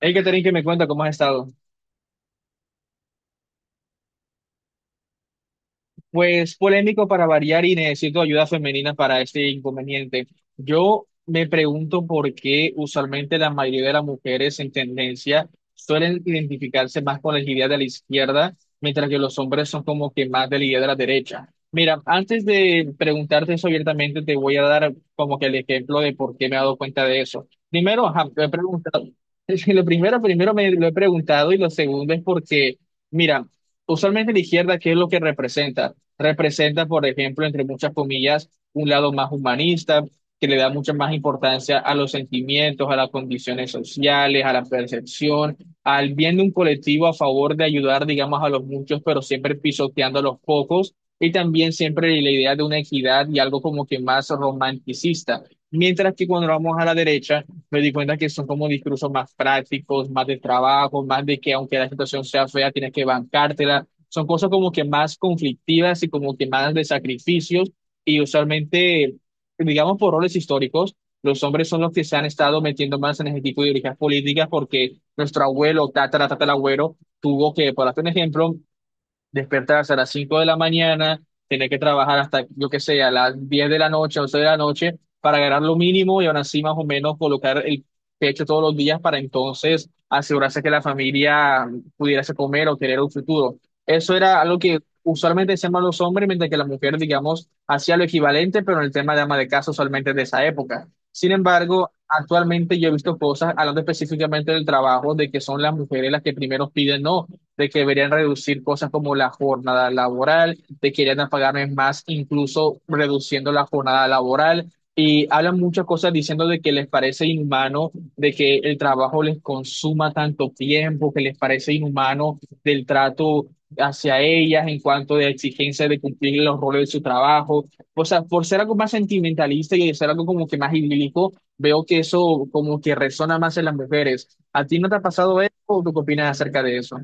Hey, Catherine, que me cuenta cómo has estado. Pues polémico para variar y necesito ayuda femenina para este inconveniente. Yo me pregunto por qué usualmente la mayoría de las mujeres en tendencia suelen identificarse más con la idea de la izquierda, mientras que los hombres son como que más de la idea de la derecha. Mira, antes de preguntarte eso abiertamente, te voy a dar como que el ejemplo de por qué me he dado cuenta de eso. Primero, ajá, me he preguntado, es que lo primero, primero me lo he preguntado y lo segundo es porque, mira, usualmente la izquierda, ¿qué es lo que representa? Representa, por ejemplo, entre muchas comillas, un lado más humanista, que le da mucha más importancia a los sentimientos, a las condiciones sociales, a la percepción, al bien de un colectivo a favor de ayudar, digamos, a los muchos, pero siempre pisoteando a los pocos, y también siempre la idea de una equidad y algo como que más romanticista. Mientras que cuando vamos a la derecha, me di cuenta que son como discursos más prácticos, más de trabajo, más de que aunque la situación sea fea, tienes que bancártela. Son cosas como que más conflictivas y como que más de sacrificios y usualmente, digamos, por roles históricos, los hombres son los que se han estado metiendo más en ese tipo de ideologías políticas porque nuestro abuelo, tatara, tatarabuelo, tuvo que, por hacer un ejemplo, despertarse a las 5 de la mañana, tener que trabajar hasta, yo qué sé, a las 10 de la noche, 11 de la noche, para ganar lo mínimo y aún así más o menos colocar el pecho todos los días para entonces asegurarse que la familia pudiese comer o tener un futuro. Eso era algo que usualmente hacían los hombres, mientras que la mujer, digamos, hacía lo equivalente, pero en el tema de ama de casa usualmente de esa época. Sin embargo, actualmente yo he visto cosas, hablando específicamente del trabajo, de que son las mujeres las que primero piden, no, de que deberían reducir cosas como la jornada laboral, de que deberían pagarme más, incluso reduciendo la jornada laboral. Y hablan muchas cosas diciendo de que les parece inhumano, de que el trabajo les consuma tanto tiempo, que les parece inhumano del trato hacia ellas en cuanto de exigencia de cumplir los roles de su trabajo. O sea, por ser algo más sentimentalista y ser algo como que más idílico, veo que eso como que resona más en las mujeres. ¿A ti no te ha pasado eso o tú qué opinas acerca de eso?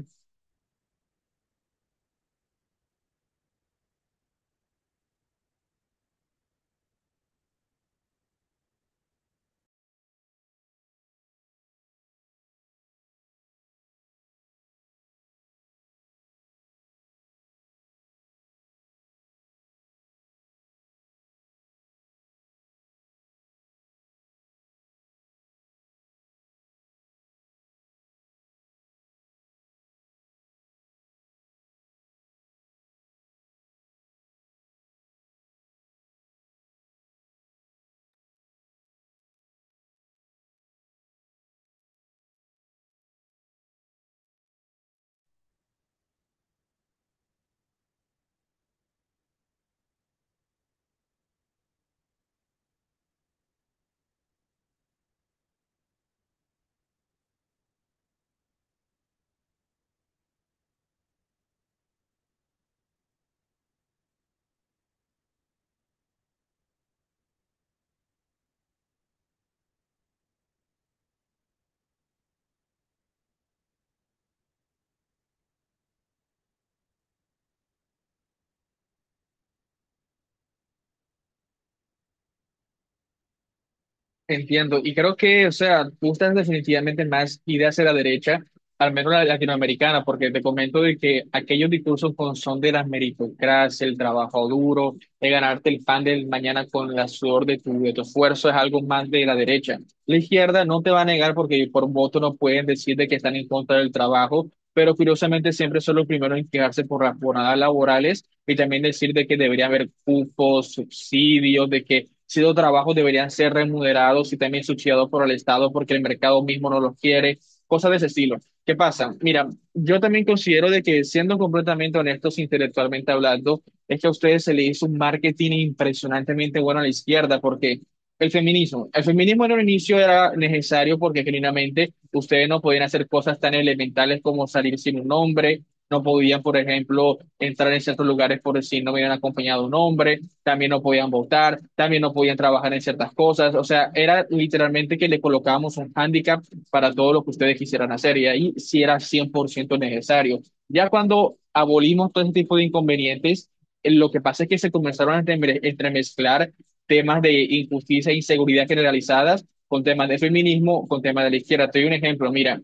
Entiendo, y creo que, o sea, gustan definitivamente más ir hacia la derecha, al menos la latinoamericana, porque te comento de que aquellos discursos con son de las meritocracia, el trabajo duro, de ganarte el pan del mañana con el sudor de tu esfuerzo, es algo más de la derecha. La izquierda no te va a negar porque por voto no pueden decir de que están en contra del trabajo, pero curiosamente siempre son los primeros en quejarse por las jornadas laborales y también decir de que debería haber cupos, subsidios, de que ciertos trabajos deberían ser remunerados y también subsidiados por el Estado porque el mercado mismo no los quiere, cosas de ese estilo. ¿Qué pasa? Mira, yo también considero de que siendo completamente honestos e intelectualmente hablando, es que a ustedes se le hizo un marketing impresionantemente bueno a la izquierda porque... El feminismo. El feminismo en un inicio era necesario porque genuinamente ustedes no podían hacer cosas tan elementales como salir sin un nombre, no podían, por ejemplo, entrar en ciertos lugares por si no hubieran acompañado un hombre, también no podían votar, también no podían trabajar en ciertas cosas. O sea, era literalmente que le colocábamos un hándicap para todo lo que ustedes quisieran hacer y ahí sí era 100% necesario. Ya cuando abolimos todo ese tipo de inconvenientes, lo que pasa es que se comenzaron a entremezclar temas de injusticia e inseguridad generalizadas con temas de feminismo, con temas de la izquierda. Te doy un ejemplo, mira,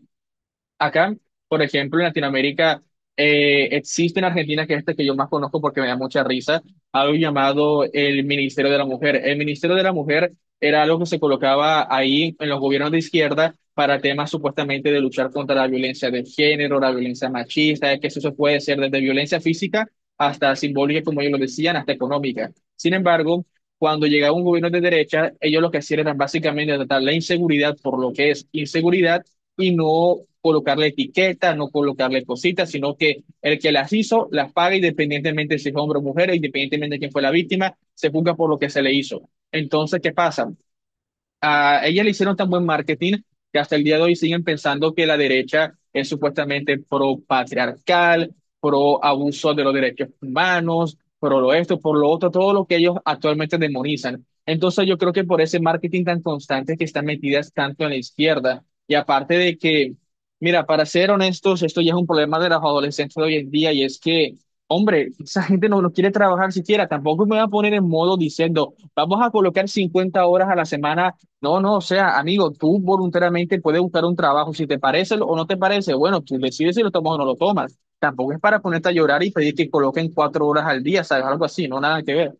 acá, por ejemplo, en Latinoamérica, existe en Argentina, que es este que yo más conozco porque me da mucha risa, algo llamado el Ministerio de la Mujer. El Ministerio de la Mujer era algo que se colocaba ahí en los gobiernos de izquierda para temas supuestamente de luchar contra la violencia de género, la violencia machista, que eso se puede ser desde violencia física hasta simbólica, como ellos lo decían, hasta económica. Sin embargo, cuando llegaba un gobierno de derecha, ellos lo que hacían era básicamente tratar la inseguridad por lo que es inseguridad y no colocarle etiquetas, no colocarle cositas, sino que el que las hizo las paga independientemente si es hombre o mujer, e independientemente de quién fue la víctima, se juzga por lo que se le hizo. Entonces, ¿qué pasa? A ella le hicieron tan buen marketing que hasta el día de hoy siguen pensando que la derecha es supuestamente pro patriarcal, pro abuso de los derechos humanos, pro lo esto, por lo otro, todo lo que ellos actualmente demonizan. Entonces yo creo que por ese marketing tan constante que están metidas tanto en la izquierda y aparte de que, mira, para ser honestos, esto ya es un problema de los adolescentes de hoy en día y es que... Hombre, esa gente no, no quiere trabajar siquiera. Tampoco me va a poner en modo diciendo, vamos a colocar 50 horas a la semana. No, no, o sea, amigo, tú voluntariamente puedes buscar un trabajo, si te parece o no te parece, bueno, tú decides si lo tomas o no lo tomas. Tampoco es para ponerte a llorar y pedir que coloquen 4 horas al día, ¿sabes? Algo así, no nada que ver.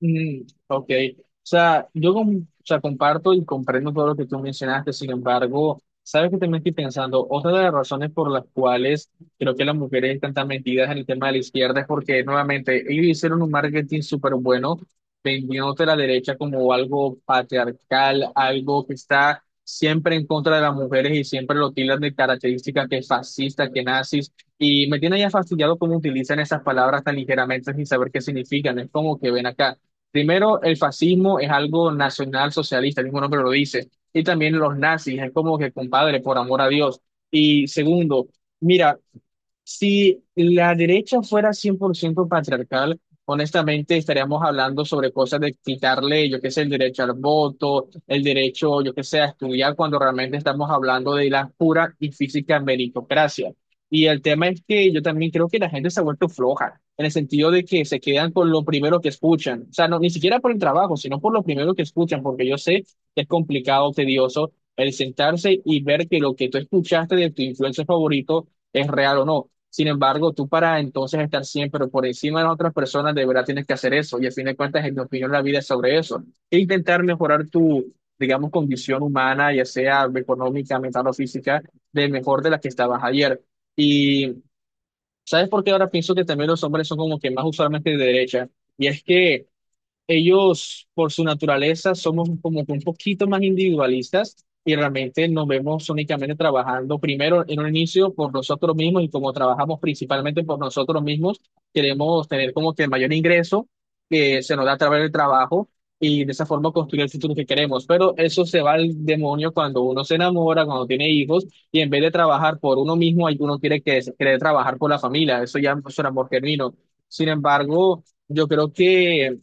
Mm, ok, o sea, o sea, comparto y comprendo todo lo que tú mencionaste, sin embargo, sabes que también estoy pensando, otra de las razones por las cuales creo que las mujeres están tan metidas en el tema de la izquierda es porque nuevamente ellos hicieron un marketing súper bueno, vendiéndote la derecha como algo patriarcal, algo que está siempre en contra de las mujeres y siempre lo tildan de características que es fascista, que nazis. Y me tiene ya fastidiado cómo utilizan esas palabras tan ligeramente sin saber qué significan. Es como que ven acá. Primero, el fascismo es algo nacional socialista, el mismo nombre lo dice, y también los nazis, es como que compadre, por amor a Dios. Y segundo, mira, si la derecha fuera 100% patriarcal, honestamente estaríamos hablando sobre cosas de quitarle, yo qué sé, el derecho al voto, el derecho, yo qué sé, a estudiar, cuando realmente estamos hablando de la pura y física meritocracia. Y el tema es que yo también creo que la gente se ha vuelto floja, en el sentido de que se quedan con lo primero que escuchan. O sea, no, ni siquiera por el trabajo, sino por lo primero que escuchan, porque yo sé que es complicado, tedioso el sentarse y ver que lo que tú escuchaste de tu influencer favorito es real o no. Sin embargo, tú para entonces estar siempre por encima de las otras personas, de verdad tienes que hacer eso. Y a fin de cuentas, en mi opinión, la vida es sobre eso. E intentar mejorar tu, digamos, condición humana, ya sea económica, mental o física, de mejor de la que estabas ayer. Y ¿sabes por qué ahora pienso que también los hombres son como que más usualmente de derecha? Y es que ellos, por su naturaleza, somos como que un poquito más individualistas y realmente nos vemos únicamente trabajando primero en un inicio por nosotros mismos y como trabajamos principalmente por nosotros mismos, queremos tener como que el mayor ingreso que se nos da a través del trabajo y de esa forma construir el futuro que queremos. Pero eso se va al demonio cuando uno se enamora, cuando tiene hijos y en vez de trabajar por uno mismo, uno quiere trabajar por la familia. Eso ya no es un amor genuino. Sin embargo, yo creo que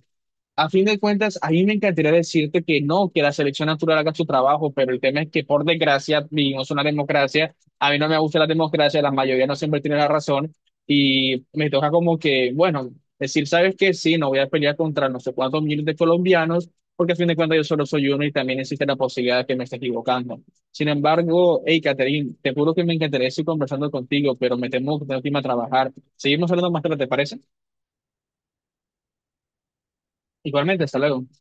a fin de cuentas, a mí me encantaría decirte que no, que la selección natural haga su trabajo, pero el tema es que por desgracia vivimos una democracia. A mí no me gusta la democracia, la mayoría no siempre tiene la razón y me toca como que, bueno, decir, ¿sabes qué? Sí, no voy a pelear contra no sé cuántos miles de colombianos, porque a fin de cuentas yo solo soy uno y también existe la posibilidad de que me esté equivocando. Sin embargo, hey, Catherine, te juro que me encantaría seguir conversando contigo, pero me temo que tengo que irme a trabajar. Seguimos hablando más tarde, ¿te parece? Igualmente, hasta luego.